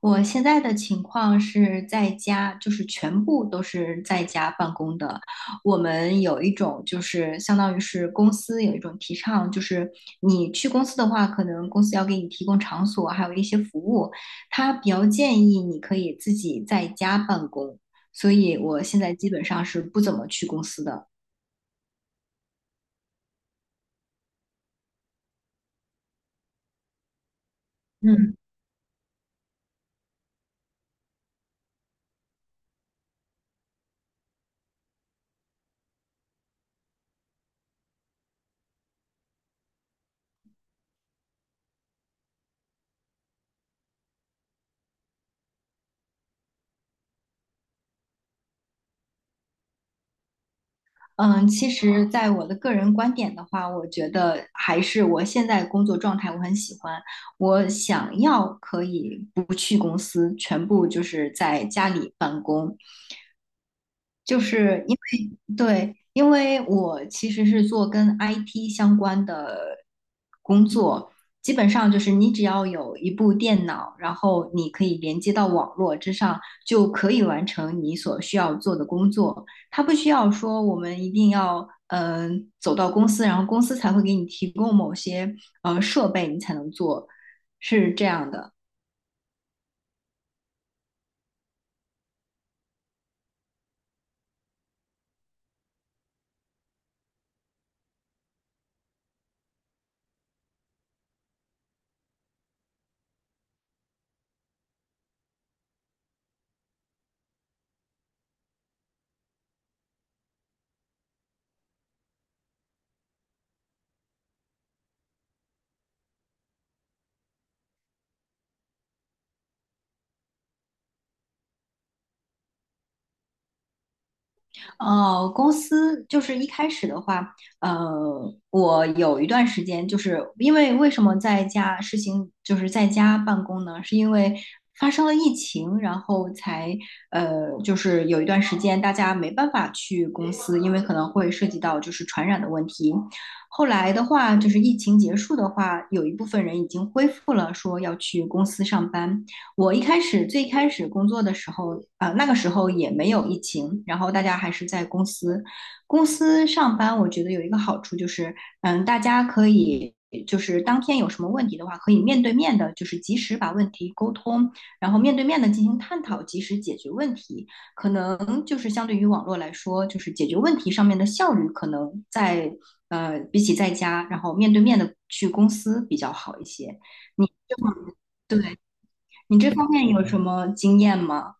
我现在的情况是在家，就是全部都是在家办公的。我们有一种就是相当于是公司有一种提倡，就是你去公司的话，可能公司要给你提供场所，还有一些服务。他比较建议你可以自己在家办公，所以我现在基本上是不怎么去公司的。嗯，其实，在我的个人观点的话，我觉得还是我现在工作状态我很喜欢，我想要可以不去公司，全部就是在家里办公，就是因为对，因为我其实是做跟 IT 相关的工作，基本上就是你只要有一部电脑，然后你可以连接到网络之上，就可以完成你所需要做的工作。它不需要说我们一定要走到公司，然后公司才会给你提供某些设备，你才能做，是这样的。哦，公司就是一开始的话，我有一段时间就是因为为什么在家实行就是在家办公呢？是因为发生了疫情，然后才就是有一段时间大家没办法去公司，因为可能会涉及到就是传染的问题。后来的话，就是疫情结束的话，有一部分人已经恢复了说要去公司上班，我一开始最开始工作的时候，那个时候也没有疫情，然后大家还是在公司，公司上班，我觉得有一个好处就是，嗯，大家可以就是当天有什么问题的话，可以面对面的，就是及时把问题沟通，然后面对面的进行探讨，及时解决问题。可能就是相对于网络来说，就是解决问题上面的效率，可能在比起在家，然后面对面的去公司比较好一些。你对，你这方面有什么经验吗？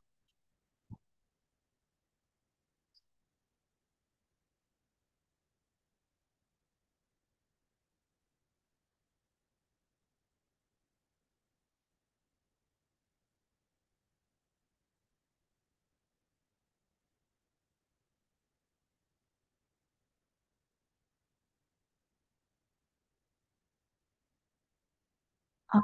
啊，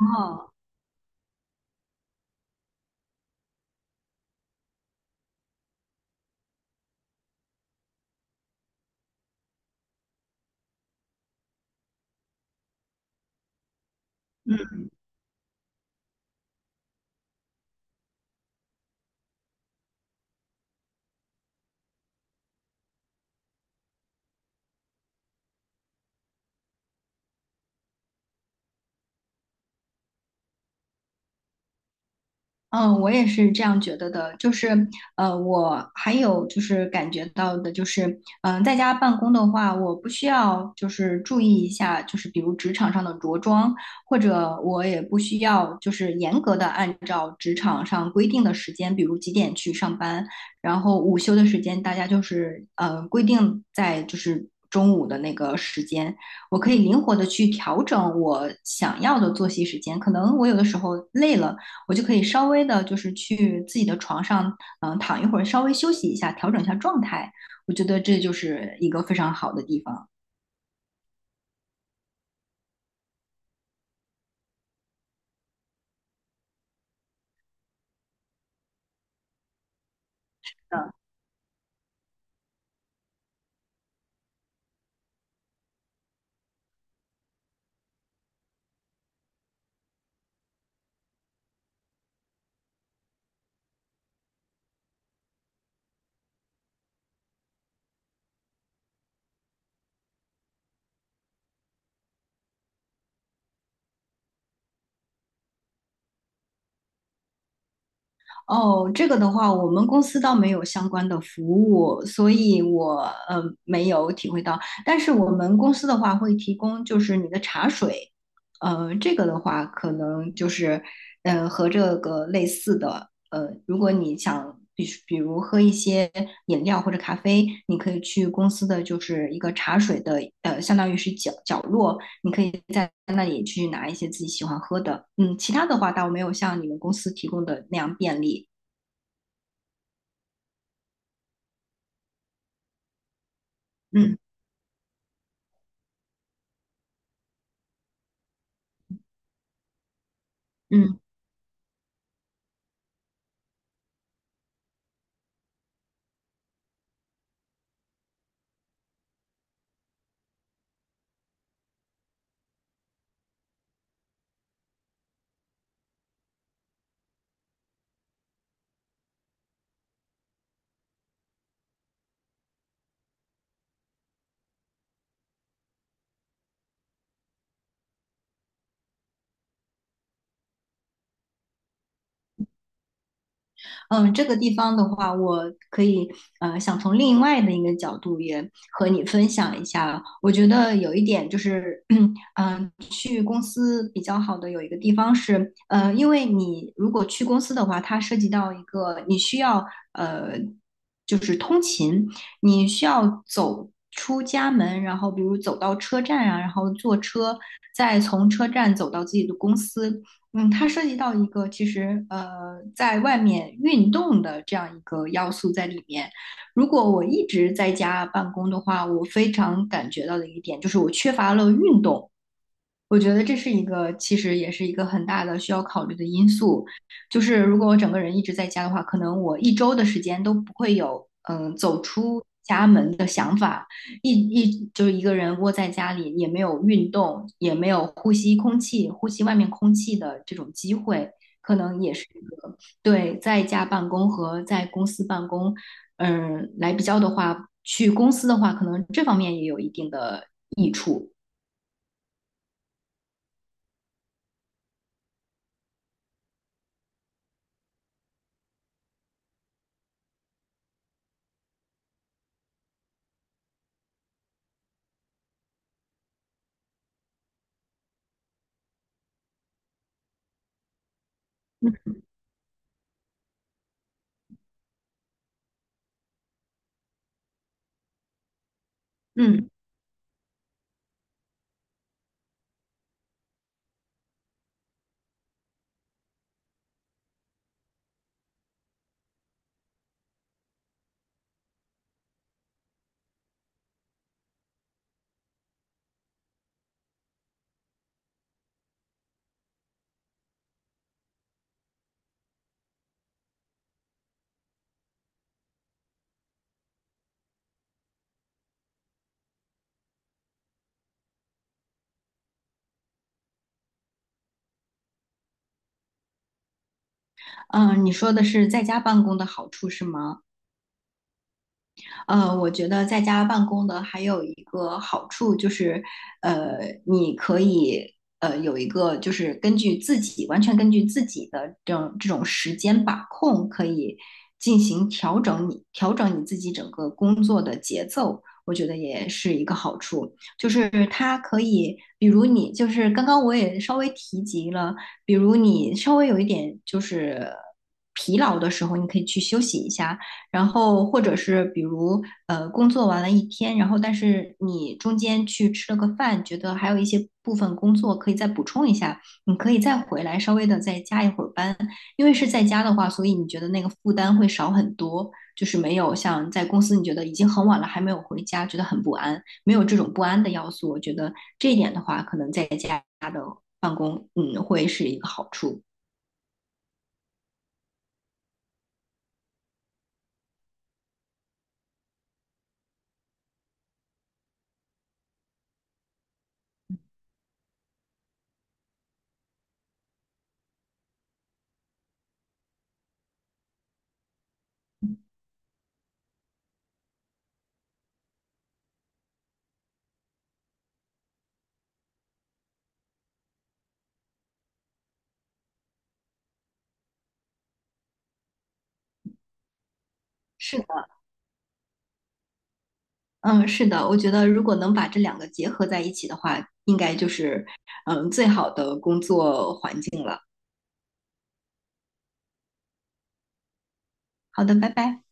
嗯，我也是这样觉得的。就是，我还有就是感觉到的，就是，在家办公的话，我不需要就是注意一下，就是比如职场上的着装，或者我也不需要就是严格的按照职场上规定的时间，比如几点去上班，然后午休的时间大家就是规定在就是中午的那个时间，我可以灵活的去调整我想要的作息时间。可能我有的时候累了。我就可以稍微的，就是去自己的床上，躺一会儿，稍微休息一下，调整一下状态。我觉得这就是一个非常好的地方。嗯、哦，这个的话，我们公司倒没有相关的服务，所以我没有体会到。但是我们公司的话会提供就是你的茶水，这个的话可能就是和这个类似的，如果你想比如喝一些饮料或者咖啡，你可以去公司的就是一个茶水的相当于是角落那里去拿一些自己喜欢喝的。嗯，其他的话倒没有像你们公司提供的那样便利。嗯。嗯嗯，这个地方的话，我可以想从另外的一个角度也和你分享一下。我觉得有一点就是，去公司比较好的有一个地方是，因为你如果去公司的话，它涉及到一个你需要呃，就是通勤，你需要走出家门，然后比如走到车站啊，然后坐车，再从车站走到自己的公司，嗯，它涉及到一个其实在外面运动的这样一个要素在里面。如果我一直在家办公的话，我非常感觉到的一点就是我缺乏了运动。我觉得这是一个，其实也是一个很大的需要考虑的因素。就是如果我整个人一直在家的话，可能我一周的时间都不会有走出家门的想法。一就是一个人窝在家里，也没有运动，也没有呼吸空气、呼吸外面空气的这种机会，可能也是一个对在家办公和在公司办公，来比较的话，去公司的话，可能这方面也有一定的益处。嗯。你说的是在家办公的好处是吗？我觉得在家办公的还有一个好处就是，呃，你可以有一个就是根据自己完全根据自己的这种时间把控，可以进行调整你自己整个工作的节奏，我觉得也是一个好处。就是它可以，比如你就是刚刚我也稍微提及了，比如你稍微有一点就是疲劳的时候，你可以去休息一下。然后或者是比如工作完了一天，然后但是你中间去吃了个饭，觉得还有一些部分工作可以再补充一下，你可以再回来稍微的再加一会儿班，因为是在家的话，所以你觉得那个负担会少很多，就是没有像在公司你觉得已经很晚了还没有回家，觉得很不安，没有这种不安的要素，我觉得这一点的话，可能在家的办公，嗯，会是一个好处。是的。嗯，是的，我觉得如果能把这两个结合在一起的话，应该就是嗯最好的工作环境了。好的，拜拜。